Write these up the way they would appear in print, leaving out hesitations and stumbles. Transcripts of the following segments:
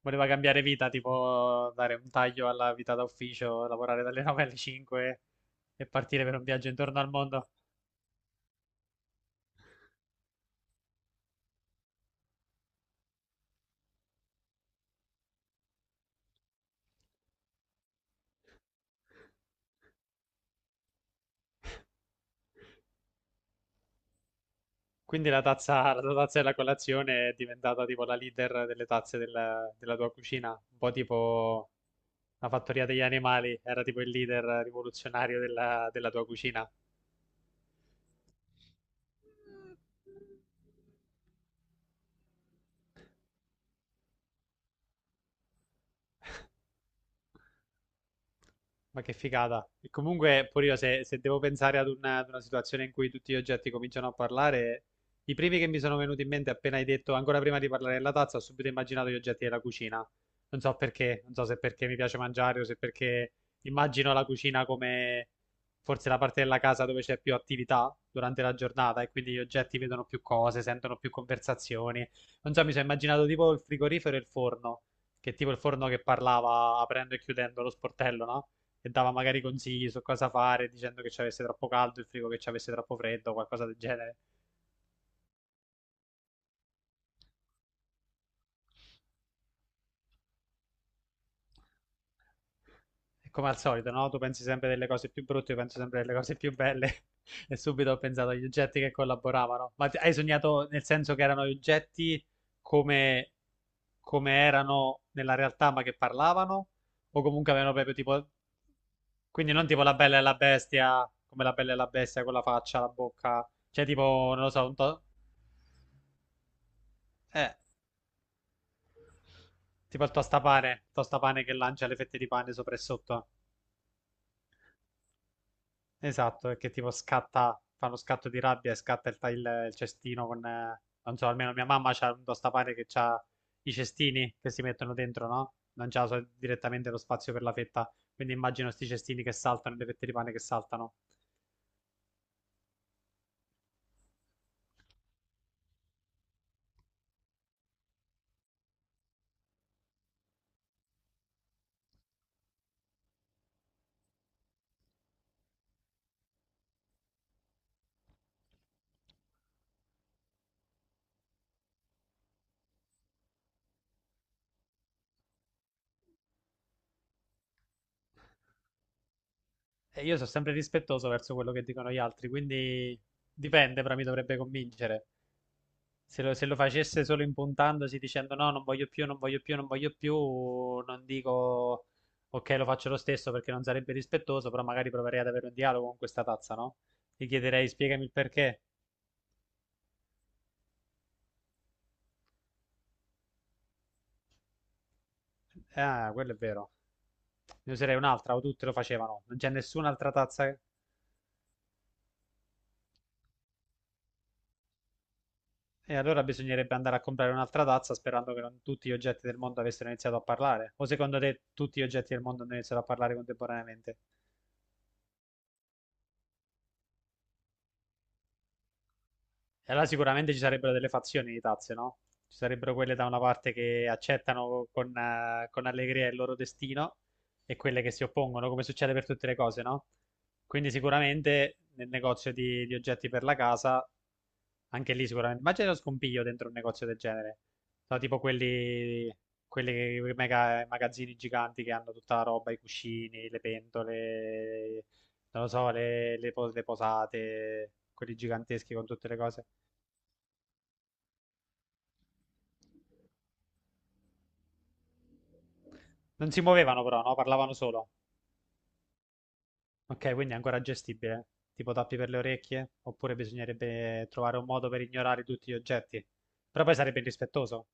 Voleva cambiare vita, tipo dare un taglio alla vita da ufficio, lavorare dalle 9 alle 5 e partire per un viaggio intorno al mondo. Quindi la tazza, la tua tazza della colazione è diventata tipo la leader delle tazze della tua cucina, un po' tipo la fattoria degli animali, era tipo il leader rivoluzionario della tua cucina. Ma che figata. E comunque, pure io, se devo pensare ad una situazione in cui tutti gli oggetti cominciano a parlare, i primi che mi sono venuti in mente appena hai detto, ancora prima di parlare della tazza, ho subito immaginato gli oggetti della cucina. Non so perché, non so se perché mi piace mangiare o se perché immagino la cucina come forse la parte della casa dove c'è più attività durante la giornata e quindi gli oggetti vedono più cose, sentono più conversazioni. Non so, mi sono immaginato tipo il frigorifero e il forno, che è tipo il forno che parlava aprendo e chiudendo lo sportello, no? E dava magari consigli su cosa fare, dicendo che ci avesse troppo caldo, il frigo che ci avesse troppo freddo, qualcosa del genere. E come al solito, no? Tu pensi sempre delle cose più brutte, io penso sempre delle cose più belle. E subito ho pensato agli oggetti che collaboravano. Ma hai sognato nel senso che erano gli oggetti come, come erano nella realtà, ma che parlavano? O comunque avevano proprio tipo... Quindi non tipo la bella e la bestia, come la bella e la bestia con la faccia, la bocca. Cioè tipo, non lo so, Eh, Tipo il tostapane che lancia le fette di pane sopra e sotto. Esatto, e che tipo scatta, fa lo scatto di rabbia e scatta il cestino con... non so, almeno mia mamma c'ha un tostapane che ha i cestini che si mettono dentro, no? Non direttamente lo spazio per la fetta. Quindi immagino sti cestini che saltano, e le fette di pane che saltano. E io sono sempre rispettoso verso quello che dicono gli altri, quindi dipende, però mi dovrebbe convincere. Se lo facesse solo impuntandosi dicendo no, non voglio più, non voglio più, non voglio più, non dico ok, lo faccio lo stesso perché non sarebbe rispettoso, però magari proverei ad avere un dialogo con questa tazza, no? Gli chiederei spiegami il perché. Ah, quello è vero. Ne userei un'altra, o tutte lo facevano. Non c'è nessun'altra tazza. E allora bisognerebbe andare a comprare un'altra tazza sperando che non tutti gli oggetti del mondo avessero iniziato a parlare. O secondo te tutti gli oggetti del mondo hanno iniziato a parlare contemporaneamente? E allora sicuramente ci sarebbero delle fazioni di tazze, no? Ci sarebbero quelle da una parte che accettano con allegria il loro destino e quelle che si oppongono, come succede per tutte le cose, no? Quindi sicuramente nel negozio di oggetti per la casa, anche lì sicuramente... Immagina lo scompiglio dentro un negozio del genere. No, tipo quelli, magazzini giganti che hanno tutta la roba, i cuscini, le pentole, non lo so, le posate, quelli giganteschi con tutte le cose. Non si muovevano però, no? Parlavano solo. Ok, quindi è ancora gestibile. Tipo tappi per le orecchie, oppure bisognerebbe trovare un modo per ignorare tutti gli oggetti. Però poi sarebbe irrispettoso.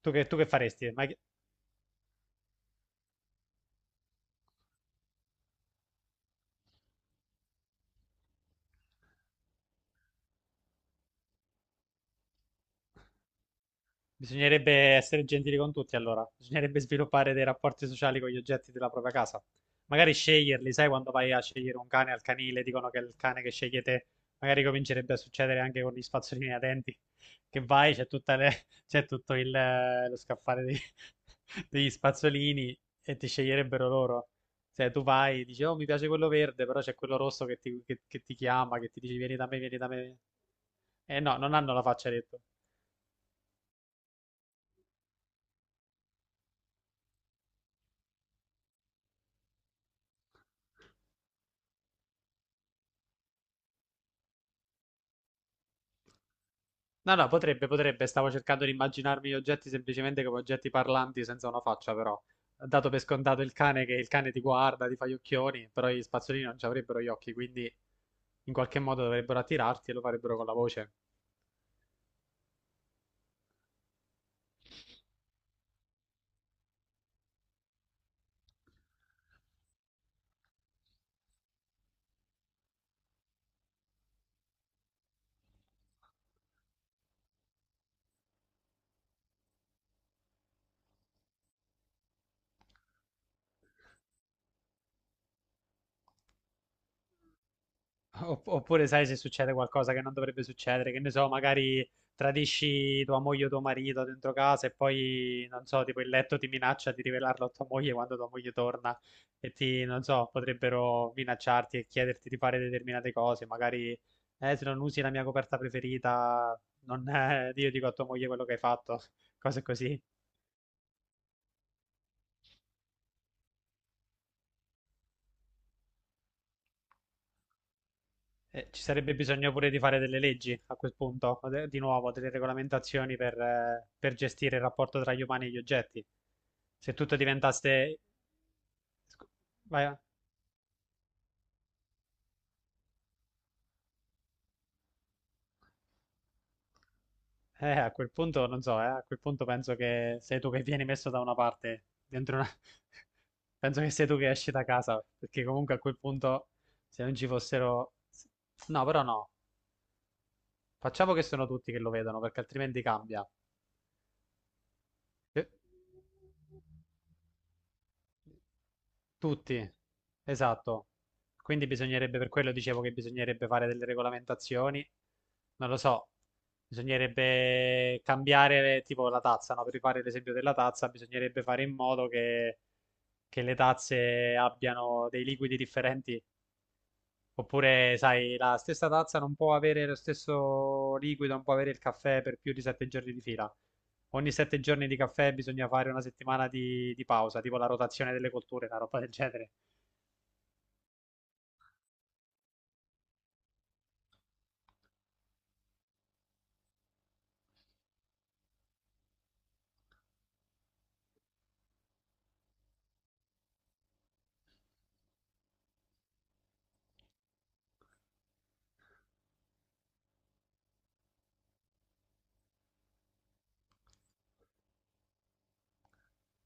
Tu che faresti? Bisognerebbe essere gentili con tutti, allora. Bisognerebbe sviluppare dei rapporti sociali con gli oggetti della propria casa. Magari sceglierli, sai, quando vai a scegliere un cane al canile, dicono che è il cane che scegli te, magari comincerebbe a succedere anche con gli spazzolini da denti, che vai, c'è tutto lo scaffale degli spazzolini e ti sceglierebbero loro. Se tu vai, dici, oh, mi piace quello verde, però c'è quello rosso che ti chiama, che ti dice, vieni da me, vieni da me. Eh no, non hanno la faccia, hai detto. No, no, potrebbe, potrebbe. Stavo cercando di immaginarmi gli oggetti semplicemente come oggetti parlanti senza una faccia, però. Dato per scontato il cane che il cane ti guarda, ti fa gli occhioni, però gli spazzolini non ci avrebbero gli occhi, quindi in qualche modo dovrebbero attirarti e lo farebbero con la voce. Oppure sai se succede qualcosa che non dovrebbe succedere, che ne so, magari tradisci tua moglie o tuo marito dentro casa e poi, non so, tipo il letto ti minaccia di rivelarlo a tua moglie quando tua moglie torna e ti, non so, potrebbero minacciarti e chiederti di fare determinate cose, magari, se non usi la mia coperta preferita, non, io dico a tua moglie quello che hai fatto, cose così. Ci sarebbe bisogno pure di fare delle leggi a quel punto, o di nuovo, delle regolamentazioni per gestire il rapporto tra gli umani e gli oggetti. Se tutto diventasse... scu- vai a- a quel punto non so, a quel punto penso che sei tu che vieni messo da una parte, dentro una... penso che sei tu che esci da casa, perché comunque a quel punto se non ci fossero... No, però no, facciamo che sono tutti che lo vedono, perché altrimenti cambia. Eh, Tutti, esatto. Quindi bisognerebbe, per quello dicevo che bisognerebbe fare delle regolamentazioni, non lo so, bisognerebbe cambiare tipo la tazza, no? Per rifare l'esempio della tazza, bisognerebbe fare in modo che le tazze abbiano dei liquidi differenti, oppure, sai, la stessa tazza non può avere lo stesso liquido, non può avere il caffè per più di sette giorni di fila. Ogni sette giorni di caffè bisogna fare una settimana di pausa, tipo la rotazione delle colture, una roba del genere.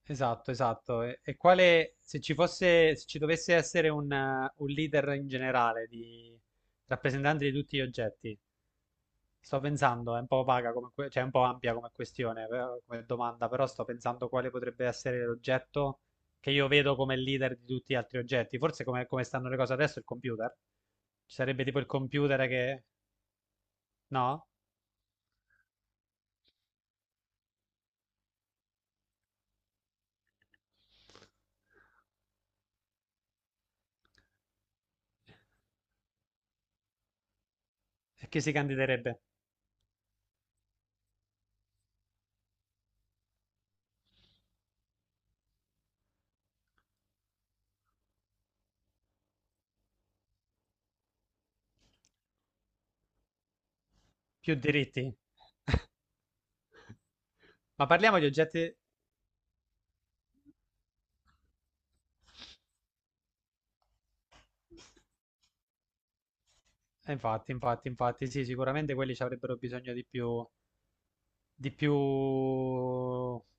Esatto, esatto. E quale, se ci fosse, se ci dovesse essere un leader in generale di rappresentante di tutti gli oggetti, sto pensando, è un po' vaga come, cioè è un po' ampia come questione, come domanda, però sto pensando quale potrebbe essere l'oggetto che io vedo come leader di tutti gli altri oggetti. Forse come stanno le cose adesso, il computer. Ci sarebbe tipo il computer che... No? E chi si candiderebbe? Più diritti. Ma parliamo di oggetti. Infatti, infatti, infatti, sì, sicuramente quelli ci avrebbero bisogno di più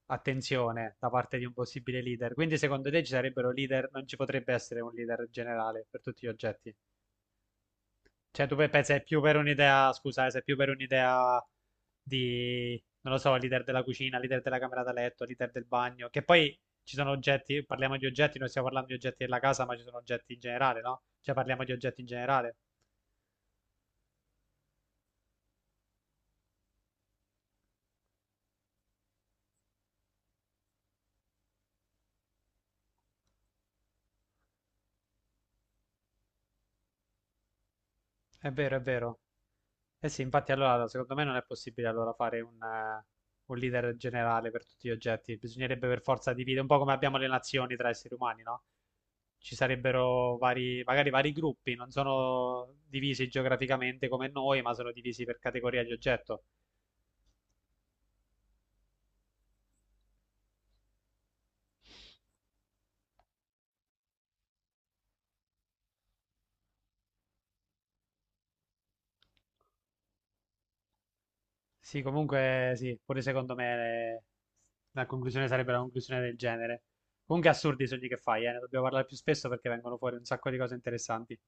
attenzione da parte di un possibile leader. Quindi, secondo te ci sarebbero leader? Non ci potrebbe essere un leader generale per tutti gli oggetti? Cioè, tu pensi è più per un'idea, scusa, se è più per un'idea di, non lo so, leader della cucina, leader della camera da letto, leader del bagno, che poi ci sono oggetti, parliamo di oggetti, non stiamo parlando di oggetti della casa, ma ci sono oggetti in generale, no? Cioè, parliamo di oggetti in generale. È vero, è vero. Eh sì, infatti allora secondo me non è possibile allora fare un leader generale per tutti gli oggetti, bisognerebbe per forza dividere, un po' come abbiamo le nazioni tra esseri umani, no? Ci sarebbero vari, magari vari gruppi, non sono divisi geograficamente come noi, ma sono divisi per categoria di oggetto. Sì, comunque sì, pure secondo me la conclusione sarebbe una conclusione del genere. Comunque assurdi i sogni che fai, ne dobbiamo parlare più spesso perché vengono fuori un sacco di cose interessanti.